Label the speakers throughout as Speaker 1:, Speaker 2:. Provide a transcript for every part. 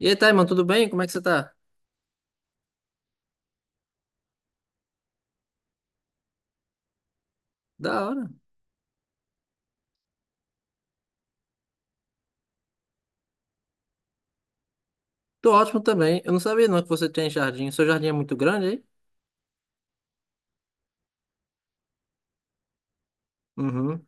Speaker 1: E aí, Taiman, tudo bem? Como é que você tá? Da hora. Tô ótimo também. Eu não sabia não que você tem jardim. Seu jardim é muito grande aí? Uhum.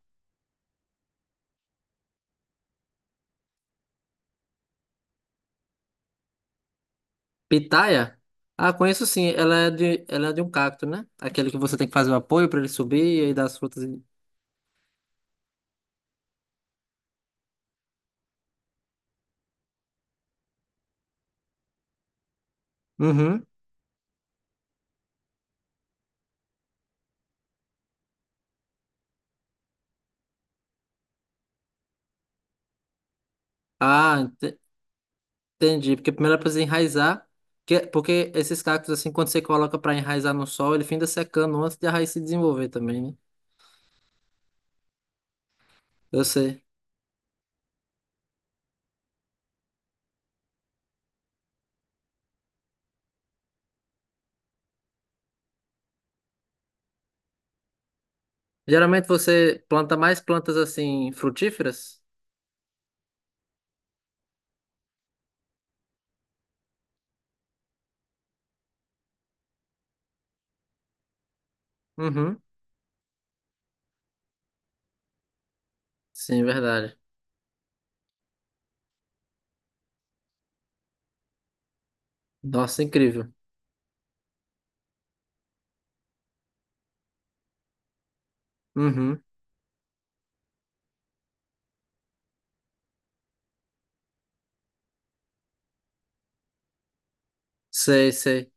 Speaker 1: Pitaia? Ah, conheço sim. Ela é de um cacto, né? Aquele que você tem que fazer o apoio pra ele subir e aí dar as frutas. Uhum. Ah, entendi. Porque primeiro ela precisa enraizar. Porque esses cactos, assim, quando você coloca pra enraizar no sol, ele finda secando antes de a raiz se desenvolver também, né? Eu sei. Geralmente você planta mais plantas, assim, frutíferas? Uhum. Sim, verdade. Nossa, incrível. Uhum. Sei, sei.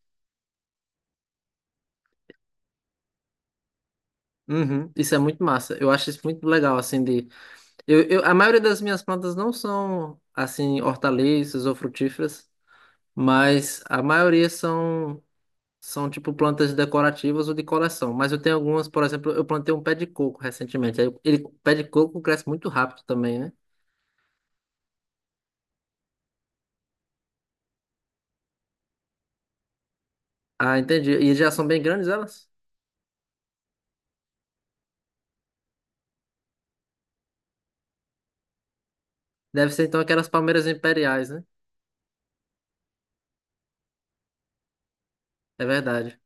Speaker 1: Uhum. Isso é muito massa. Eu acho isso muito legal, assim. A maioria das minhas plantas não são, assim, hortaliças ou frutíferas, mas a maioria são tipo, plantas decorativas ou de coleção. Mas eu tenho algumas, por exemplo, eu plantei um pé de coco recentemente. Aí o pé de coco cresce muito rápido também, né? Ah, entendi. E já são bem grandes elas? Deve ser, então, aquelas palmeiras imperiais, né? É verdade.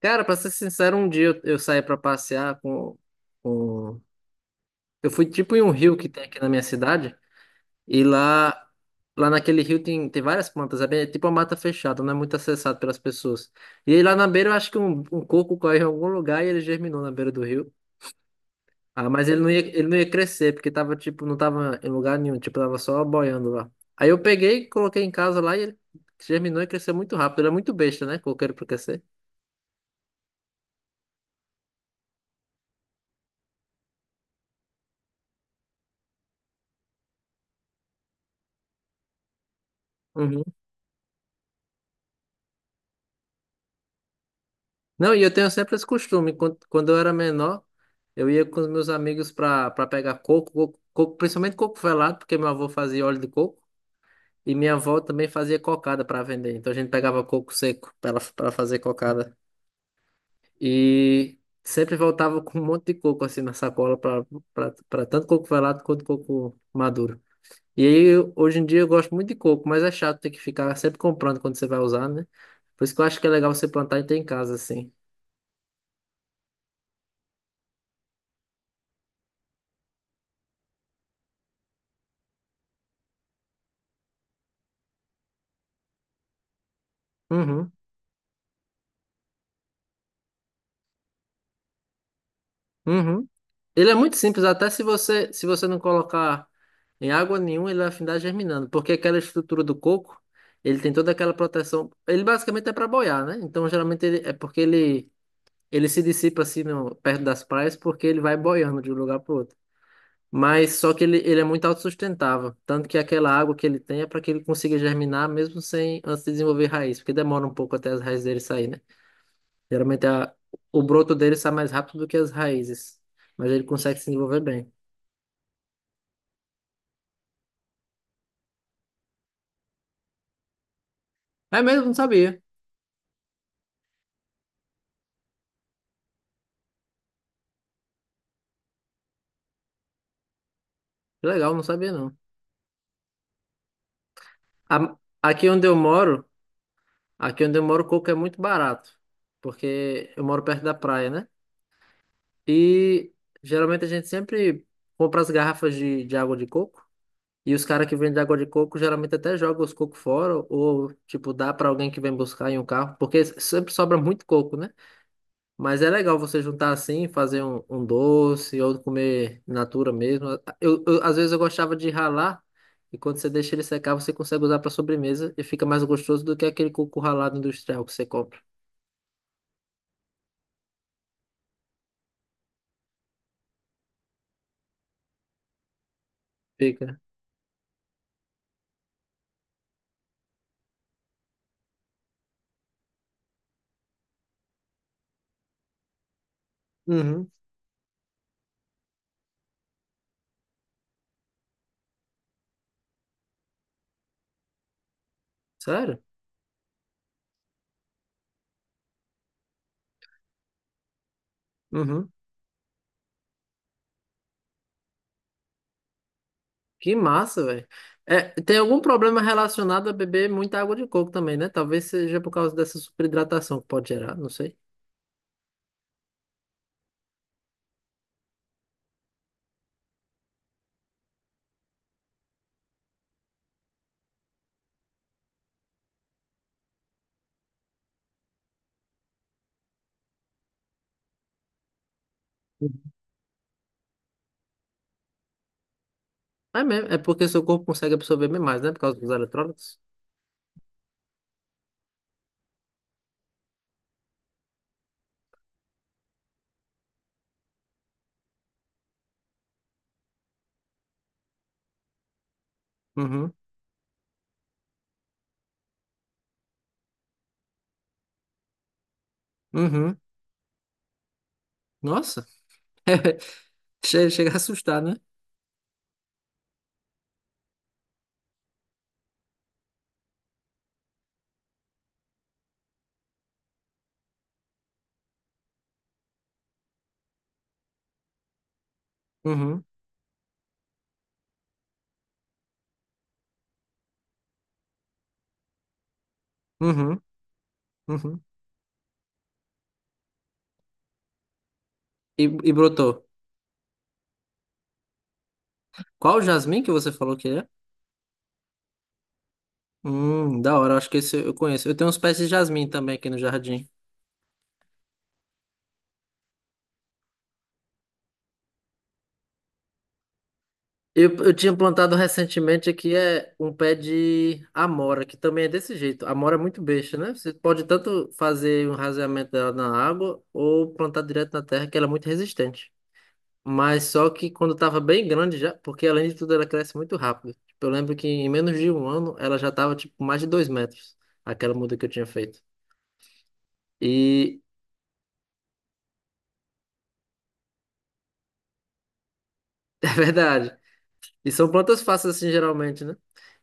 Speaker 1: Cara, pra ser sincero, um dia eu saí pra passear com... Eu fui tipo em um rio que tem aqui na minha cidade, e lá naquele rio tem várias plantas, é tipo uma mata fechada, não é muito acessado pelas pessoas. E aí lá na beira eu acho que um coco caiu em algum lugar e ele germinou na beira do rio. Ah, mas ele não ia crescer, porque tava tipo, não tava em lugar nenhum, tipo, tava só boiando lá. Aí eu peguei, coloquei em casa lá e ele germinou e cresceu muito rápido. Ele é muito besta, né? Coqueiro pra crescer. Não, e eu tenho sempre esse costume. Quando eu era menor, eu ia com os meus amigos para pegar coco, coco, coco, principalmente coco velado, porque meu avô fazia óleo de coco e minha avó também fazia cocada para vender. Então a gente pegava coco seco para fazer cocada. E sempre voltava com um monte de coco assim na sacola para tanto coco velado quanto coco maduro. E aí, hoje em dia eu gosto muito de coco, mas é chato ter que ficar sempre comprando quando você vai usar, né? Por isso que eu acho que é legal você plantar e ter em casa assim. Uhum. Uhum. Ele é muito simples, até se você não colocar em água nenhuma, ele vai afindar germinando, porque aquela estrutura do coco, ele tem toda aquela proteção. Ele basicamente é para boiar, né? Então, geralmente é porque ele se dissipa assim no, perto das praias, porque ele vai boiando de um lugar para outro. Mas só que ele é muito autossustentável, tanto que aquela água que ele tem é para que ele consiga germinar mesmo sem antes de desenvolver raiz, porque demora um pouco até as raízes dele sair, né? Geralmente o broto dele sai mais rápido do que as raízes, mas ele consegue se desenvolver bem. É mesmo, não sabia. Que legal, não sabia não. A- aqui onde eu moro, coco é muito barato, porque eu moro perto da praia, né? E geralmente a gente sempre compra as garrafas de água de coco, e os caras que vendem água de coco geralmente até jogam os cocos fora, ou tipo, dá pra alguém que vem buscar em um carro, porque sempre sobra muito coco, né? Mas é legal você juntar assim, fazer um doce ou comer in natura mesmo. Às vezes eu gostava de ralar e quando você deixa ele secar, você consegue usar para sobremesa e fica mais gostoso do que aquele coco ralado industrial que você compra. Fica. Uhum. Sério? Uhum. Que massa, velho. É, tem algum problema relacionado a beber muita água de coco também, né? Talvez seja por causa dessa superidratação que pode gerar, não sei. Uhum. É mesmo, é porque seu corpo consegue absorver bem mais, né? Por causa dos eletrólitos. Uhum. Uhum. Nossa. Chega a assustar, né? Uhum, uhum, uhum. E brotou. Qual o jasmim que você falou que é? Da hora, acho que esse eu conheço. Eu tenho uns pés de jasmim também aqui no jardim. Eu tinha plantado recentemente aqui é um pé de amora, que também é desse jeito. Amora é muito besta, né? Você pode tanto fazer um raseamento dela na água ou plantar direto na terra, que ela é muito resistente. Mas só que quando tava bem grande já, porque além de tudo ela cresce muito rápido. Tipo, eu lembro que em menos de um ano ela já tava tipo mais de 2 metros, aquela muda que eu tinha feito. E É verdade. E são plantas fáceis assim geralmente, né?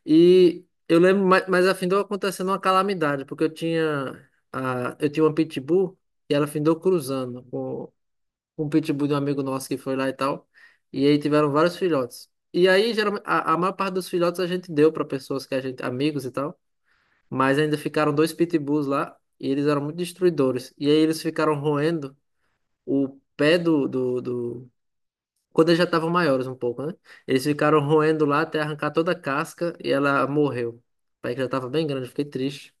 Speaker 1: E eu lembro, mas afindou acontecendo uma calamidade, porque eu tinha uma pitbull e ela afindou cruzando com um pitbull de um amigo nosso que foi lá e tal. E aí tiveram vários filhotes. E aí geralmente a maior parte dos filhotes a gente deu para pessoas que a gente amigos e tal. Mas ainda ficaram dois pitbulls lá e eles eram muito destruidores. E aí eles ficaram roendo o pé do. Quando eles já estavam maiores um pouco, né? Eles ficaram roendo lá até arrancar toda a casca e ela morreu. O pé que já estava bem grande, eu fiquei triste.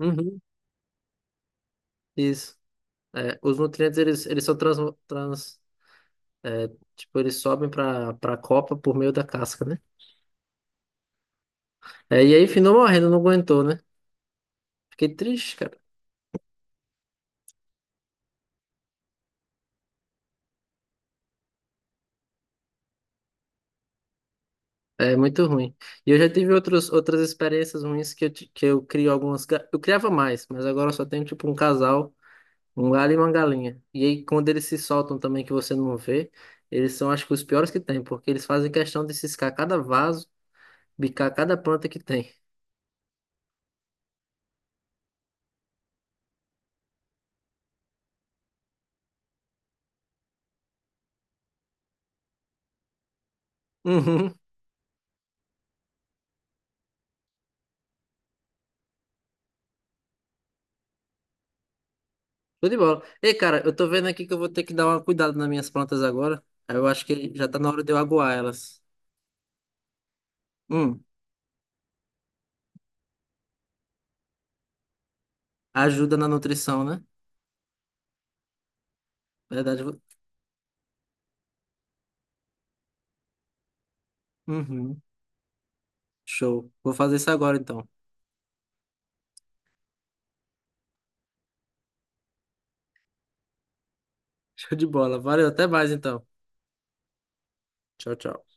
Speaker 1: Uhum, isso. É, os nutrientes, eles são, trans é, tipo, eles sobem para a copa por meio da casca, né? É, e aí, finou morrendo, não aguentou, né? Fiquei triste, cara. É muito ruim. E eu já tive outros, outras experiências ruins que eu crio algumas. Eu criava mais, mas agora eu só tenho tipo um casal, um galho e uma galinha. E aí, quando eles se soltam também, que você não vê, eles são acho que os piores que tem, porque eles fazem questão de ciscar cada vaso, bicar cada planta que tem. Uhum. Tudo de bola. Ei, cara, eu tô vendo aqui que eu vou ter que dar uma cuidada nas minhas plantas agora. Aí, eu acho que já tá na hora de eu aguar elas. Hum, ajuda na nutrição, né? Verdade. Uhum. Show. Vou fazer isso agora então. Show de bola. Valeu, até mais então. Tchau, tchau.